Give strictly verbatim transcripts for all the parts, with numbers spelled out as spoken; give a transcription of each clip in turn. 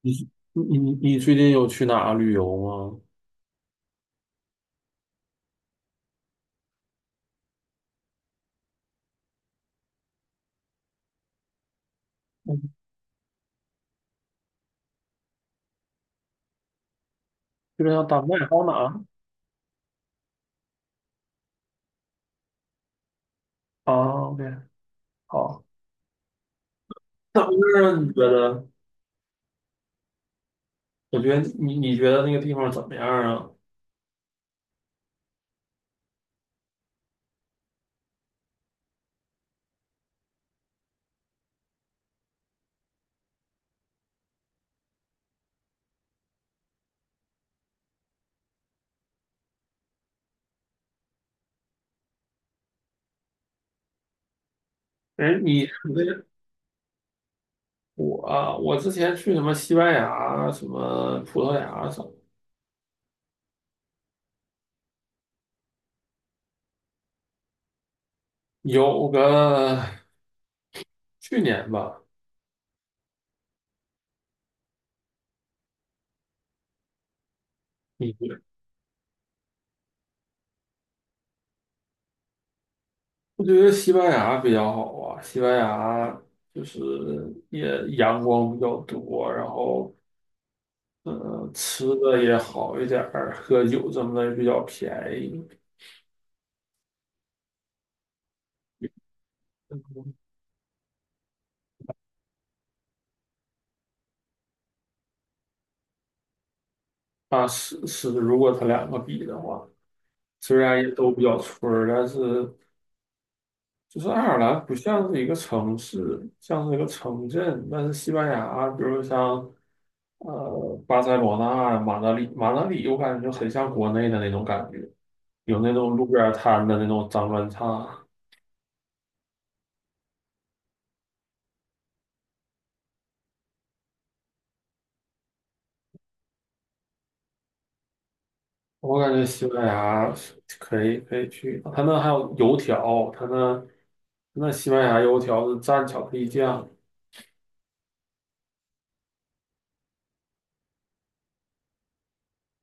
你你你你最近有去哪旅游吗？嗯，基本上丹麦还有哪儿？啊哦，OK，好。那那你觉得？我觉得你你觉得那个地方怎么样啊？哎，你你那个我啊我之前去什么西班牙、什么葡萄牙什么，有个去年吧。你觉得我觉得西班牙比较好啊。西班牙就是也阳光比较多，然后呃，吃的也好一点儿，喝酒什么的也比较便宜。啊，是是，如果他两个比的话，虽然也都比较村儿，但是就是爱尔兰不像是一个城市，像是一个城镇。但是西班牙，比如像呃巴塞罗那、马德里，马德里我感觉就很像国内的那种感觉，有那种路边摊的那种脏乱差。我感觉西班牙是可以可以去，他那还有油条，他那那西班牙油条是蘸巧克力酱，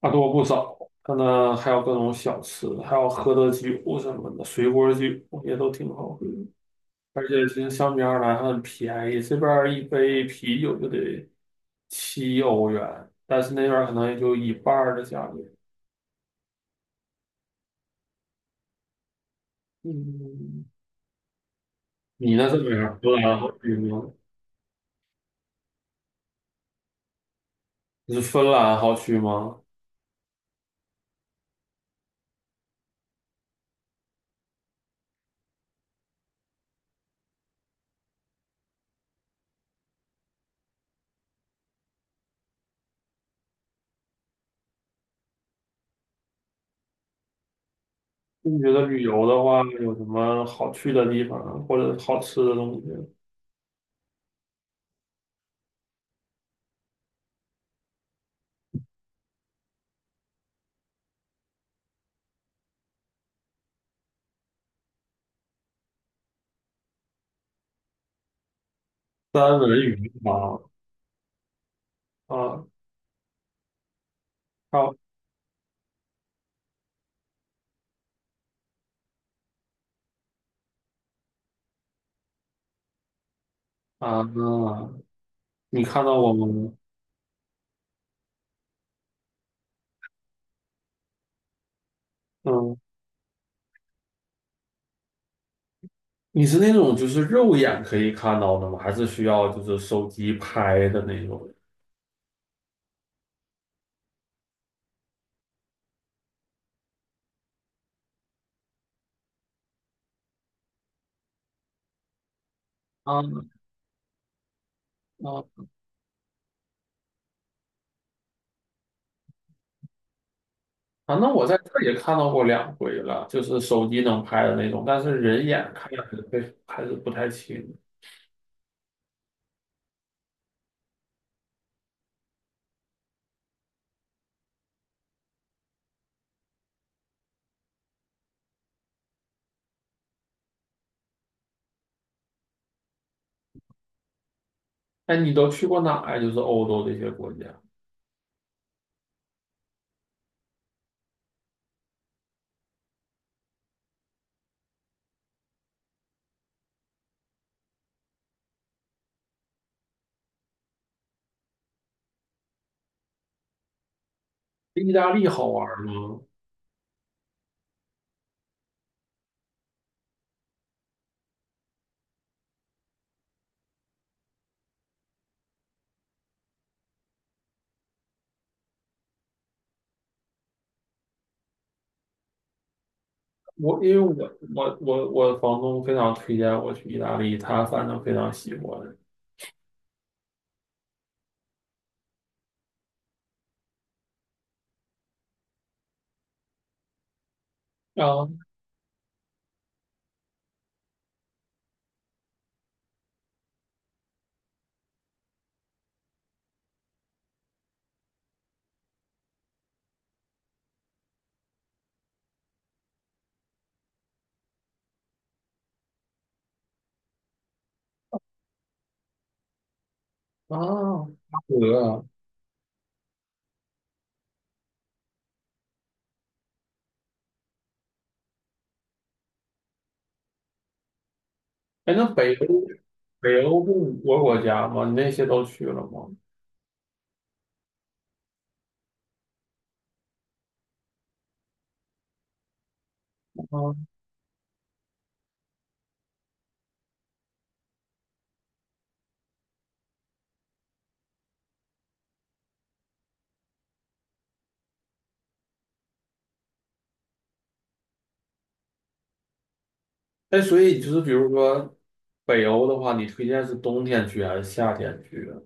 啊多不少。他那还有各种小吃，还有喝的酒什么的，水果酒也都挺好喝。而且其实相比而来还很便宜，这边儿一杯啤酒就得七欧元，但是那边儿可能也就一半儿的价格。嗯，你那是哪儿？芬兰好去吗？你是芬兰好去吗？你觉得旅游的话，有什么好去的地方，或者好吃的东西？三文鱼吗？啊，靠啊，你看到过吗？嗯，你是那种就是肉眼可以看到的吗？还是需要就是手机拍的那种？啊啊啊！那我在这儿也看到过两回了，就是手机能拍的那种，但是人眼看还是会还是不太清。哎，你都去过哪呀？就是欧洲这些国家。意大利好玩吗？我因为我我我我房东非常推荐我去意大利，他反正非常喜欢。啊啊，巴德啊。哎，那北欧北欧不五个国家吗？你那些都去了吗？啊。哎，所以就是比如说北欧的话，你推荐是冬天去还是夏天去啊？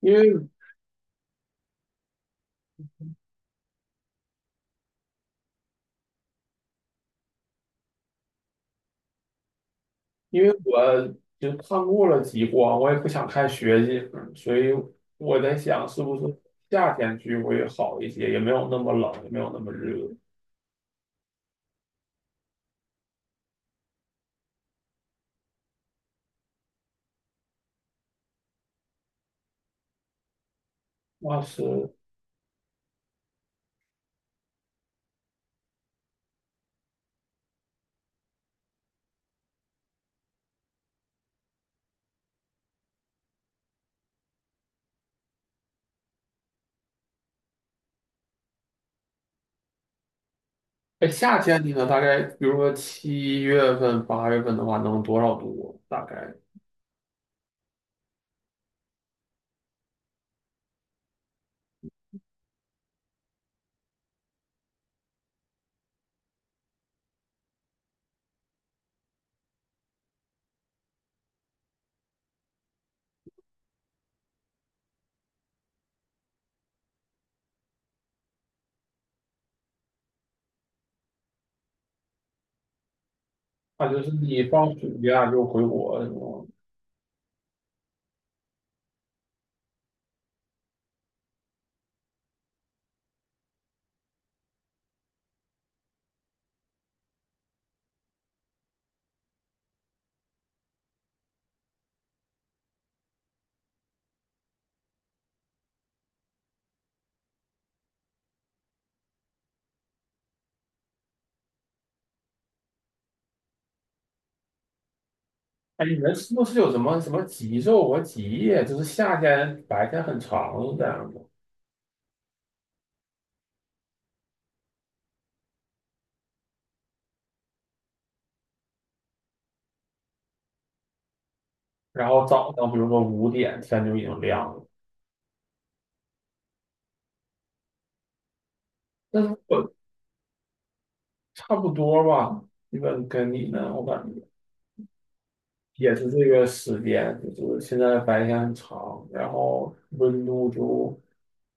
因为因为我就看过了极光，我也不想看雪景，所以我在想是不是夏天去会好一些，也没有那么冷，也没有那么热。那是。哎，夏天你呢？大概，比如说七月份、八月份的话，能多少度？大概啊，就是你放暑假就回国什么？哎，你们是不是有什么什么极昼和极夜？就是夏天白天很长是这样的，然后早上比如说五点天就已经亮了。但是我差不多吧，基本跟你呢，我感觉也是这个时间，就是现在白天很长，然后温度就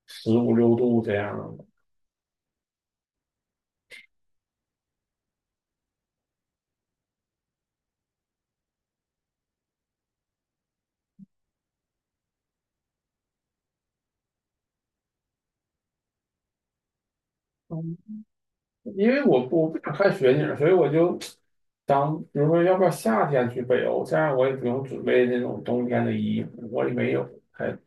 十五六度这样。因为我不我不想看雪景，所以我就想，比如说，要不要夏天去北欧？这样我也不用准备那种冬天的衣服，我也没有。还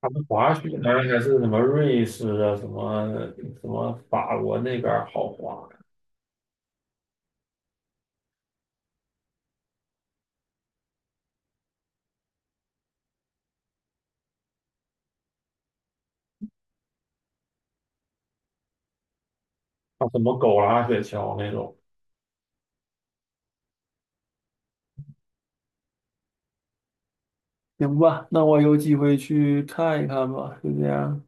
他们滑雪呢，然还是什么瑞士啊，什么什么法国那边儿好滑，啊，什么狗拉雪橇那种。行吧，那我有机会去看一看吧，就这样。